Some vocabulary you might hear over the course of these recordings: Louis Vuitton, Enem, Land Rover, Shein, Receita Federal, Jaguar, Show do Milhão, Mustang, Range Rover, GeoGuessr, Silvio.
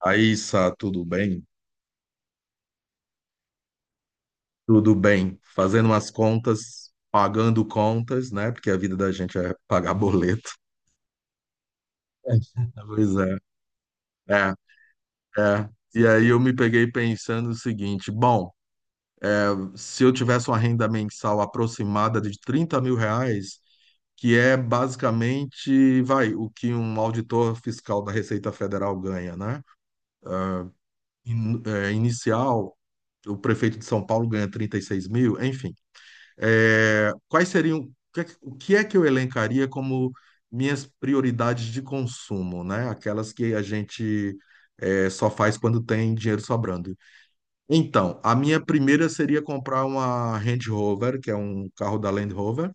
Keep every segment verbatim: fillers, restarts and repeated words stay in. Aí, Sá, tudo bem? Tudo bem. Fazendo umas contas, pagando contas, né? Porque a vida da gente é pagar boleto. Pois é. É, é. E aí eu me peguei pensando o seguinte: bom, se eu tivesse uma renda mensal aproximada de trinta mil reais, que é basicamente, vai, o que um auditor fiscal da Receita Federal ganha, né? In- é, inicial, o prefeito de São Paulo ganha trinta e seis mil. Enfim. É, quais seriam, o que é que o que é que eu elencaria como minhas prioridades de consumo, né? Aquelas que a gente é, só faz quando tem dinheiro sobrando. Então, a minha primeira seria comprar uma Range Rover, que é um carro da Land Rover.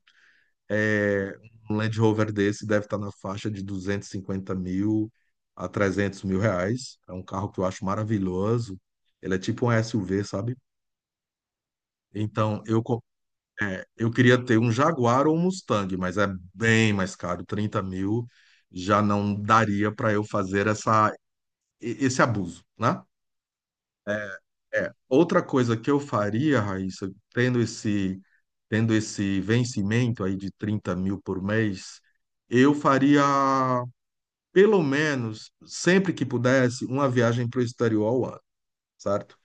Um Land Rover desse deve estar na faixa de duzentos e cinquenta mil a trezentos mil reais. É um carro que eu acho maravilhoso. Ele é tipo um suv, sabe? Então, eu, co- É, eu queria ter um Jaguar ou um Mustang, mas é bem mais caro. Trinta mil já não daria para eu fazer essa, e- esse abuso, né? É. Outra coisa que eu faria, Raíssa, tendo esse, tendo esse vencimento aí de trinta mil por mês, eu faria, pelo menos, sempre que pudesse, uma viagem para o exterior ao ano, certo?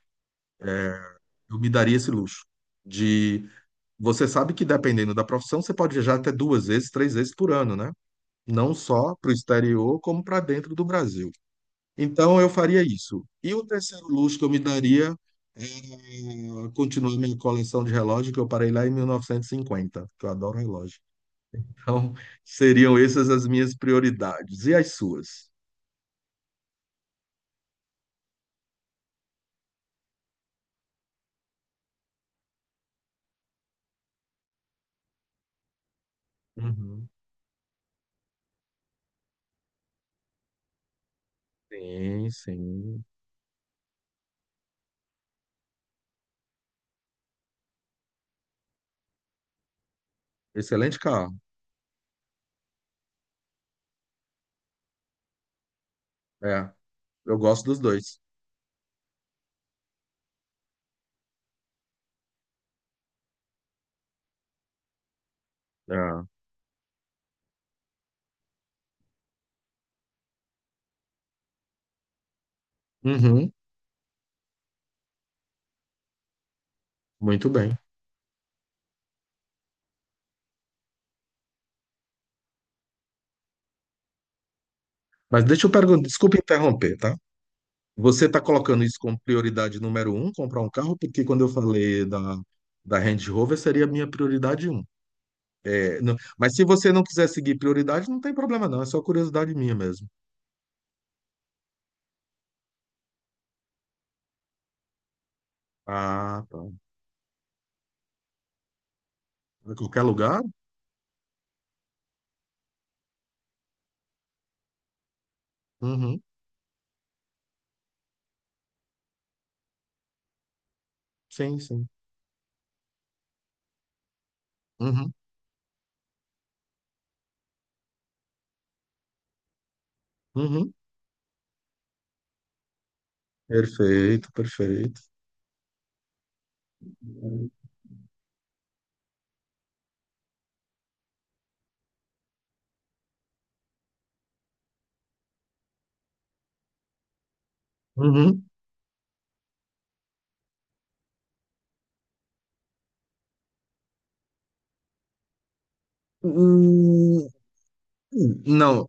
Eu me daria esse luxo de... Você sabe que dependendo da profissão, você pode viajar até duas vezes, três vezes por ano, né? Não só para o exterior, como para dentro do Brasil. Então, eu faria isso. E o terceiro luxo que eu me daria é continuar minha coleção de relógio, que eu parei lá em mil novecentos e cinquenta, que eu adoro relógio. Então, seriam essas as minhas prioridades. E as suas? Uhum. Sim, sim. Excelente carro. É, eu gosto dos dois. É. Uhum. Muito bem. Mas deixa eu perguntar, desculpa interromper, tá? Você está colocando isso como prioridade número um, comprar um carro, porque quando eu falei da, da Range Rover, seria a minha prioridade um. É, não- mas se você não quiser seguir prioridade, não tem problema não, é só curiosidade minha mesmo. Ah, tá. Em qualquer lugar? Uhum, sim, sim. Uhum, uhum. Perfeito, perfeito. Uhum. Hum, não,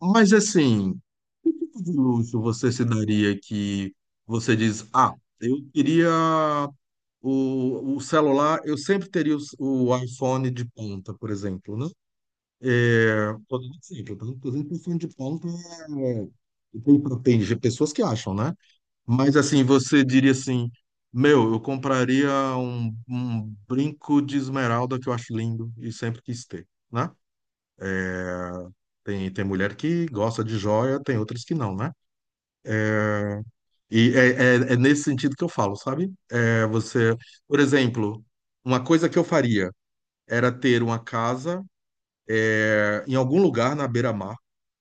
mas assim, que tipo de luxo você se daria que você diz, ah, eu queria O, o celular, eu sempre teria o, o iPhone de ponta, por exemplo, né? É, tô dando exemplo, tá? Por exemplo o iPhone de ponta é, tem, tem pessoas que acham, né? Mas assim, você diria assim, meu, eu compraria um, um brinco de esmeralda que eu acho lindo e sempre quis ter, né? Tem, tem mulher que gosta de joia, tem outras que não, né? E é, é é nesse sentido que eu falo, sabe? É, você, por exemplo, uma coisa que eu faria, era ter uma casa eh, em algum lugar na beira-mar,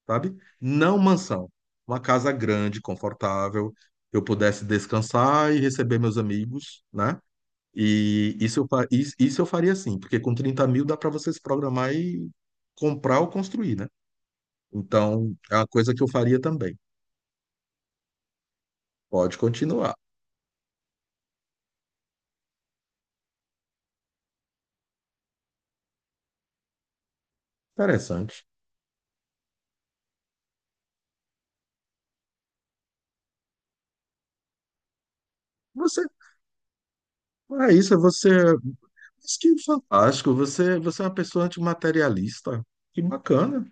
sabe? Não mansão. Uma casa grande, confortável, que eu pudesse descansar e receber meus amigos, né? E isso eu, fa- is- isso eu faria sim, porque com trinta mil dá para você se programar e comprar ou construir, né? Então, é uma coisa que eu faria também. Pode continuar. Interessante. Você, é isso, você, isso que é fantástico. Você, você é uma pessoa antimaterialista. Que bacana.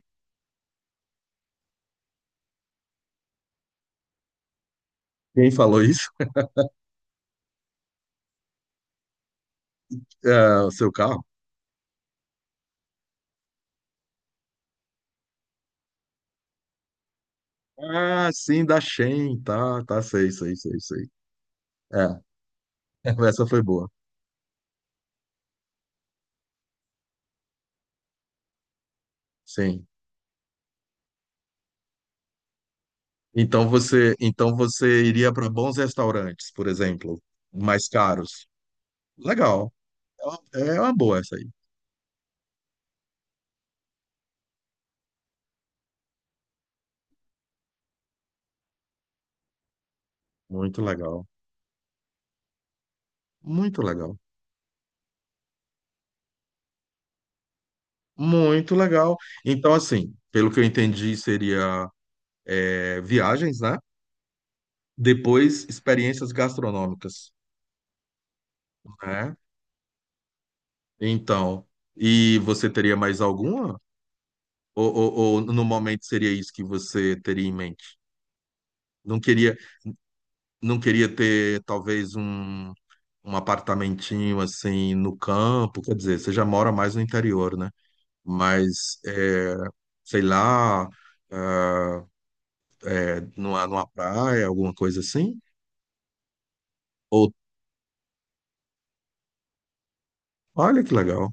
Quem falou isso? É, o seu carro? Ah, sim, da Shein, tá, tá, sei, sei, sei, sei. É, essa foi boa, sim. Então você, então você iria para bons restaurantes, por exemplo, mais caros. Legal, é uma é uma boa essa aí. Muito legal, muito legal, muito legal. Então, assim, pelo que eu entendi, seria é, viagens, né? Depois, experiências gastronômicas, né? Então, e você teria mais alguma? Ou, ou, ou no momento seria isso que você teria em mente? Não queria, não queria ter talvez um, um apartamentinho assim no campo, quer dizer, você já mora mais no interior, né? Mas, é, sei lá, é, numa, numa praia, alguma coisa assim? Ou, olha que legal.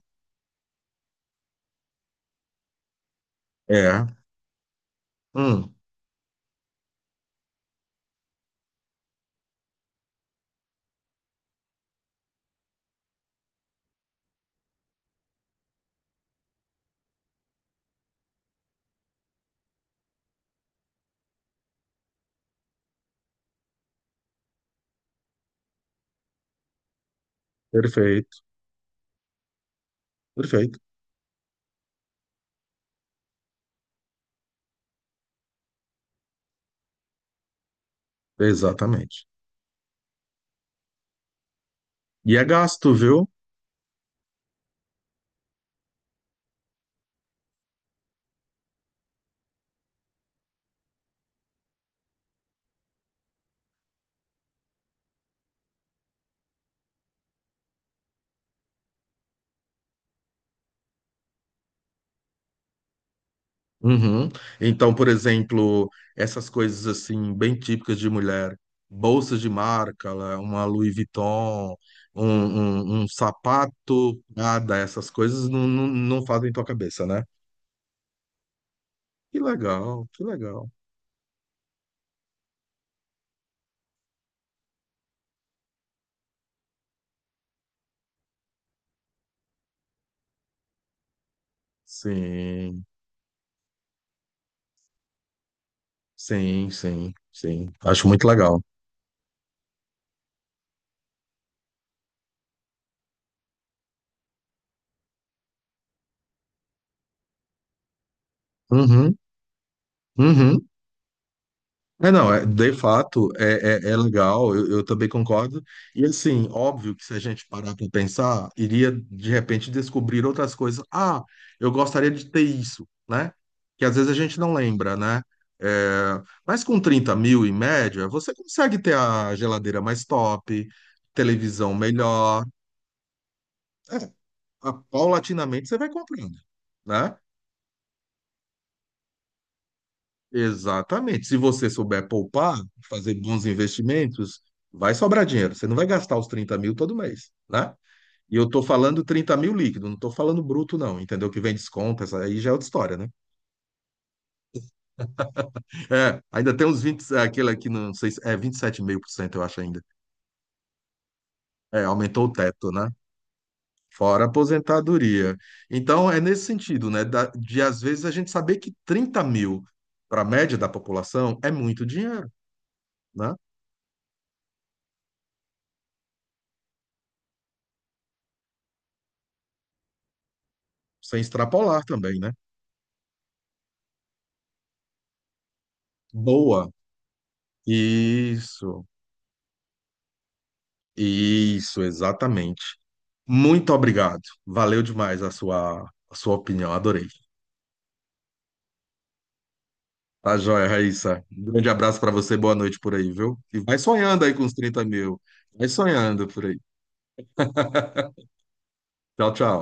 É, hum, perfeito, perfeito, exatamente. E é gasto, viu? Uhum. Então, por exemplo, essas coisas assim bem típicas de mulher, bolsas de marca, lá, uma Louis Vuitton, um, um- um sapato, nada, essas coisas não, não, não fazem tua cabeça, né? Que legal, que legal. Sim, sim, sim, sim. Acho muito legal. Uhum, uhum. É, não, é, de fato, é, é, é legal, eu, eu também concordo. E assim, óbvio que se a gente parar para pensar, iria de repente descobrir outras coisas. Ah, eu gostaria de ter isso, né? Que às vezes a gente não lembra, né? É, mas com trinta mil em média, você consegue ter a geladeira mais top, televisão melhor. É, a- paulatinamente você vai comprando, né? Exatamente. Se você souber poupar, fazer bons investimentos, vai sobrar dinheiro. Você não vai gastar os trinta mil todo mês, né? E eu tô falando trinta mil líquido, não tô falando bruto, não, entendeu? Que vem desconto, essa aí já é outra história, né? É, ainda tem uns vinte, aquele aqui, não sei se é vinte e sete vírgula cinco por cento eu acho ainda. É, aumentou o teto, né? Fora a aposentadoria. Então, é nesse sentido, né? da- de às vezes a gente saber que trinta mil para a média da população é muito dinheiro, né? Sem extrapolar também, né? Boa. Isso, isso, exatamente. Muito obrigado. Valeu demais a sua, a sua opinião, adorei. Tá joia, Raíssa. Um grande abraço pra você, boa noite por aí, viu? E vai sonhando aí com os trinta mil. Vai sonhando por aí. Tchau, tchau.